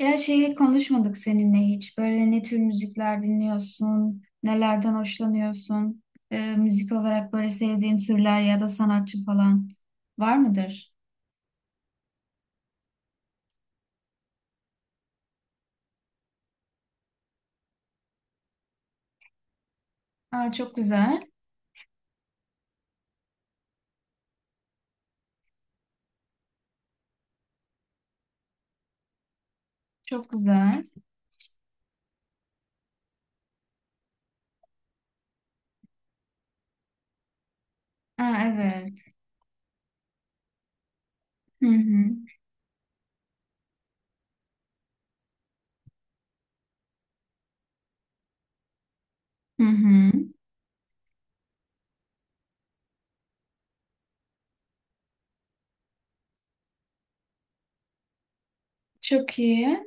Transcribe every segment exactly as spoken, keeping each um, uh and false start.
Ya şeyi konuşmadık seninle hiç. Böyle ne tür müzikler dinliyorsun, nelerden hoşlanıyorsun? Ee, müzik olarak böyle sevdiğin türler ya da sanatçı falan var mıdır? Aa, çok güzel, çok güzel. Aa, evet. Hı hı, hı hı. Çok iyi.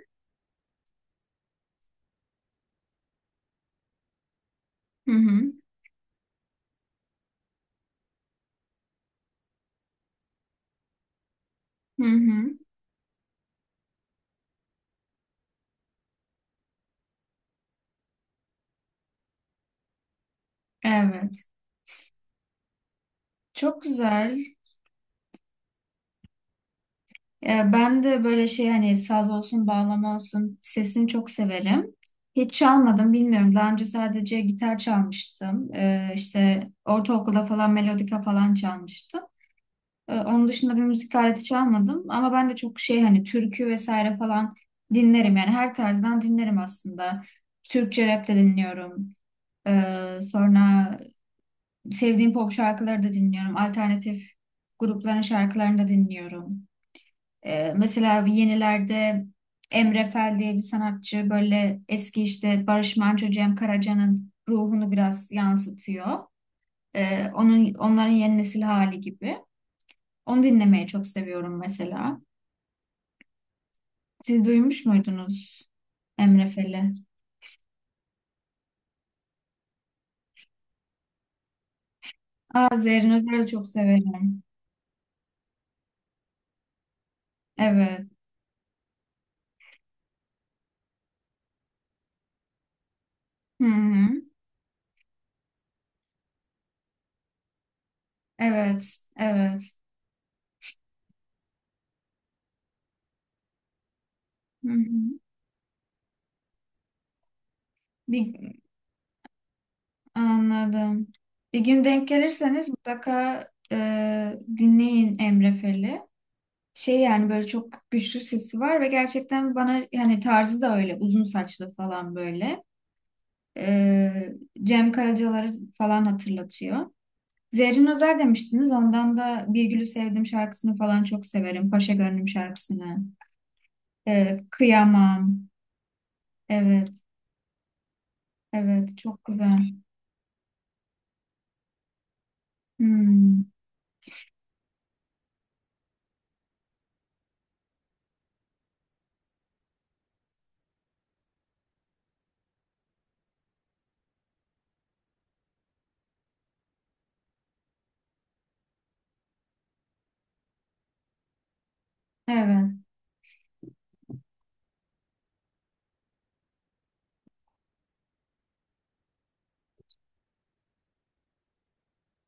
Hı hı, hı hı. Evet. Çok güzel. E, Ben de böyle şey hani saz olsun, bağlama olsun sesini çok severim. Hiç çalmadım bilmiyorum. Daha önce sadece gitar çalmıştım. E, işte ortaokulda falan melodika falan çalmıştım. E, onun dışında bir müzik aleti çalmadım. Ama ben de çok şey hani türkü vesaire falan dinlerim. Yani her tarzdan dinlerim aslında. Türkçe rap de dinliyorum. E, sonra sevdiğim pop şarkıları da dinliyorum. Alternatif grupların şarkılarını da dinliyorum. Ee, mesela yenilerde Emre Fel diye bir sanatçı böyle eski işte Barış Manço, Cem Karaca'nın ruhunu biraz yansıtıyor. Ee, onun Onların yeni nesil hali gibi. Onu dinlemeyi çok seviyorum mesela. Siz duymuş muydunuz Emre Fel'i? Aa, Zerrin Özer'i çok severim. Evet. Hı hı. Evet. Evet. Hı hı. Bir, anladım. Bir gün denk gelirseniz mutlaka e, dinleyin Emre Fel'i. Şey yani böyle çok güçlü sesi var ve gerçekten bana yani tarzı da öyle uzun saçlı falan böyle. Ee, Cem Karacalar'ı falan hatırlatıyor. Zerrin Özer demiştiniz. Ondan da Bir Gülü Sevdim şarkısını falan çok severim. Paşa Gönlüm şarkısını. Ee, Kıyamam. Evet, evet çok güzel. Hmm, evet,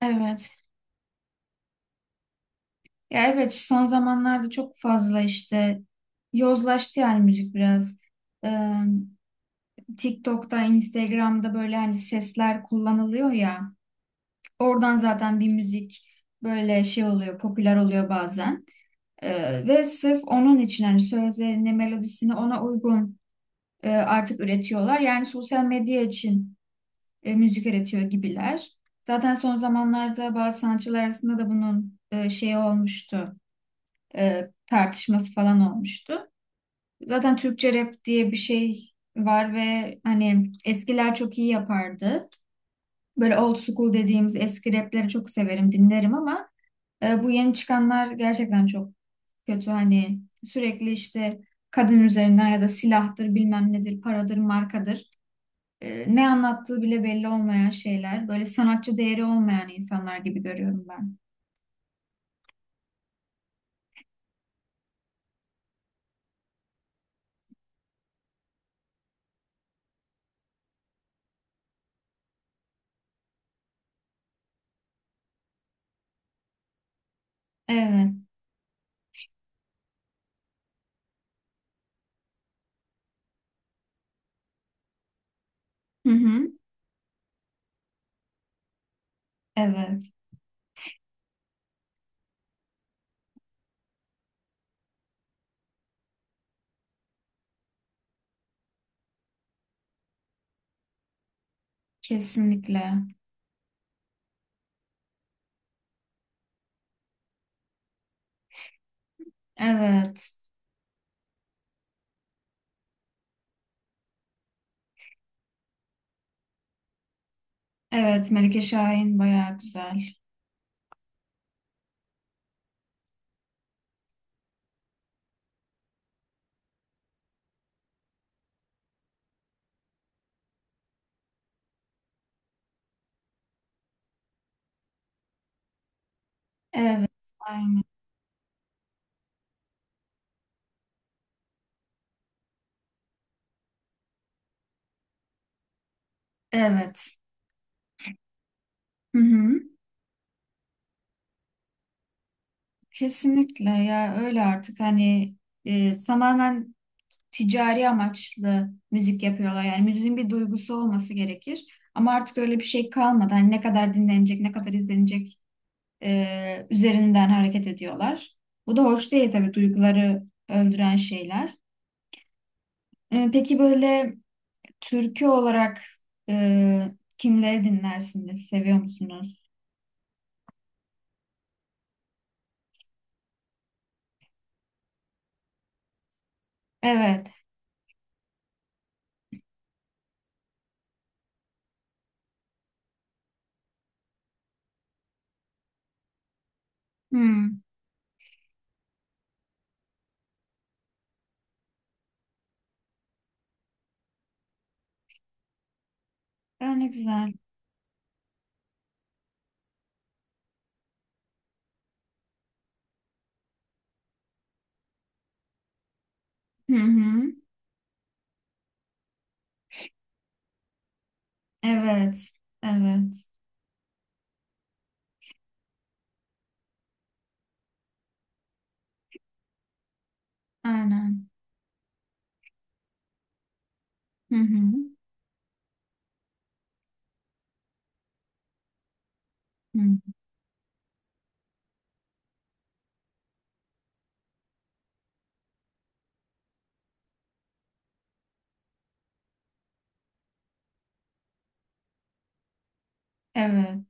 evet. Ya evet son zamanlarda çok fazla işte yozlaştı yani müzik biraz. Ee, TikTok'ta, Instagram'da böyle hani sesler kullanılıyor ya. Oradan zaten bir müzik böyle şey oluyor, popüler oluyor bazen. Ee, ve sırf onun için hani sözlerini, melodisini ona uygun e, artık üretiyorlar. Yani sosyal medya için e, müzik üretiyor gibiler. Zaten son zamanlarda bazı sanatçılar arasında da bunun e, şeyi olmuştu. E, tartışması falan olmuştu. Zaten Türkçe rap diye bir şey var ve hani eskiler çok iyi yapardı. Böyle old school dediğimiz eski rapleri çok severim, dinlerim ama e, bu yeni çıkanlar gerçekten çok kötü. Hani sürekli işte kadın üzerinden ya da silahtır, bilmem nedir, paradır, markadır. E, ne anlattığı bile belli olmayan şeyler. Böyle sanatçı değeri olmayan insanlar gibi görüyorum ben. Evet. Hı hı. Evet. Kesinlikle. Evet. Evet. Melike Şahin bayağı güzel. Evet. Aynen. Evet. Hı hı. Kesinlikle ya öyle artık hani e, tamamen ticari amaçlı müzik yapıyorlar. Yani müziğin bir duygusu olması gerekir. Ama artık öyle bir şey kalmadı. Hani ne kadar dinlenecek, ne kadar izlenecek e, üzerinden hareket ediyorlar. Bu da hoş değil tabii duyguları öldüren şeyler. E, peki böyle türkü olarak e, kimleri dinlersiniz? Seviyor musunuz? Evet. Hmm. Öyle güzel. Hı hı. Evet. Evet. Aynen. Hı hı. Hı. hı. Evet.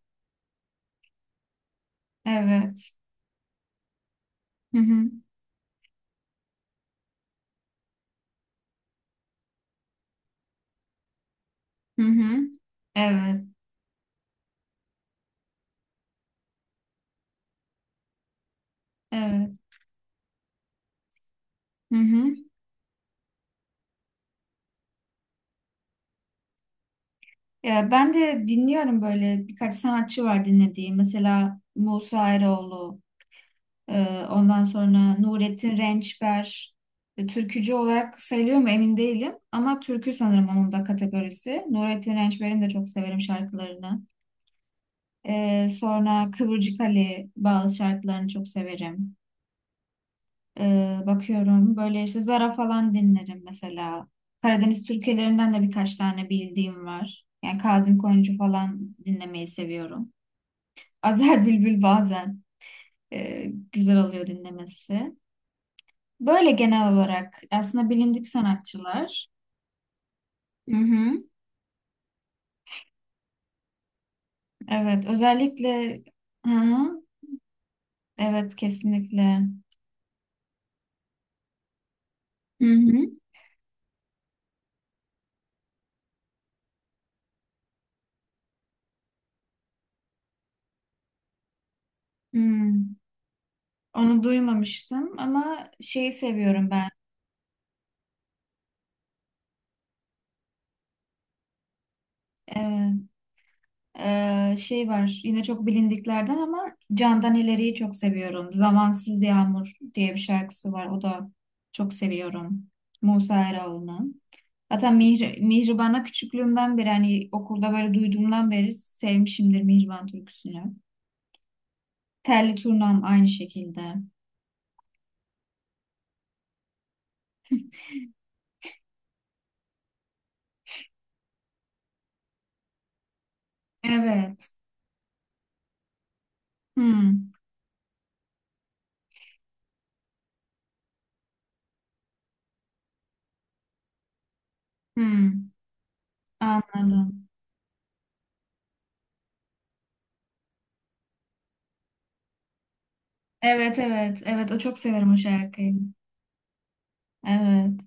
Evet. Hı hı. Hı hı. Evet. Evet. Hı hı. Ya ben de dinliyorum böyle birkaç sanatçı var dinlediğim. Mesela Musa Eroğlu, e, ondan sonra Nurettin Rençber. E, türkücü olarak sayılıyor mu emin değilim. Ama türkü sanırım onun da kategorisi. Nurettin Rençber'in de çok severim şarkılarını. E, sonra Kıvırcık Ali bazı şarkılarını çok severim. Ee, bakıyorum. Böyle işte Zara falan dinlerim mesela. Karadeniz türkülerinden de birkaç tane bildiğim var. Yani Kazım Koyuncu falan dinlemeyi seviyorum. Azer Bülbül bazen e, güzel oluyor dinlemesi. Böyle genel olarak aslında bilindik sanatçılar. Hı hı. Evet, özellikle hı hı. Evet, kesinlikle. Hı hı. Hmm. Onu duymamıştım ama şeyi seviyorum ben. Ee, şey var yine çok bilindiklerden ama Candan İleri'yi çok seviyorum. Zamansız Yağmur diye bir şarkısı var. O da çok seviyorum. Musa Eroğlu'nun. Hatta Mihri, Mihriban'a küçüklüğümden beri hani okulda böyle duyduğumdan beri sevmişimdir Mihriban türküsünü. Telli Turnam aynı şekilde. Evet. Hmm. Hmm. Anladım. Evet, evet. Evet o çok severim o şarkıyı. Evet.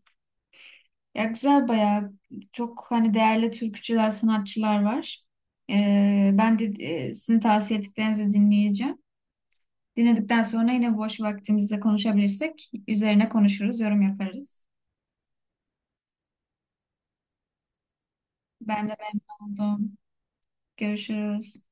Ya güzel bayağı çok hani değerli türkücüler, sanatçılar var. Ee, ben de e, sizin tavsiye ettiklerinizi dinleyeceğim. Dinledikten sonra yine boş vaktimizde konuşabilirsek üzerine konuşuruz, yorum yaparız. Ben de memnun oldum. Görüşürüz.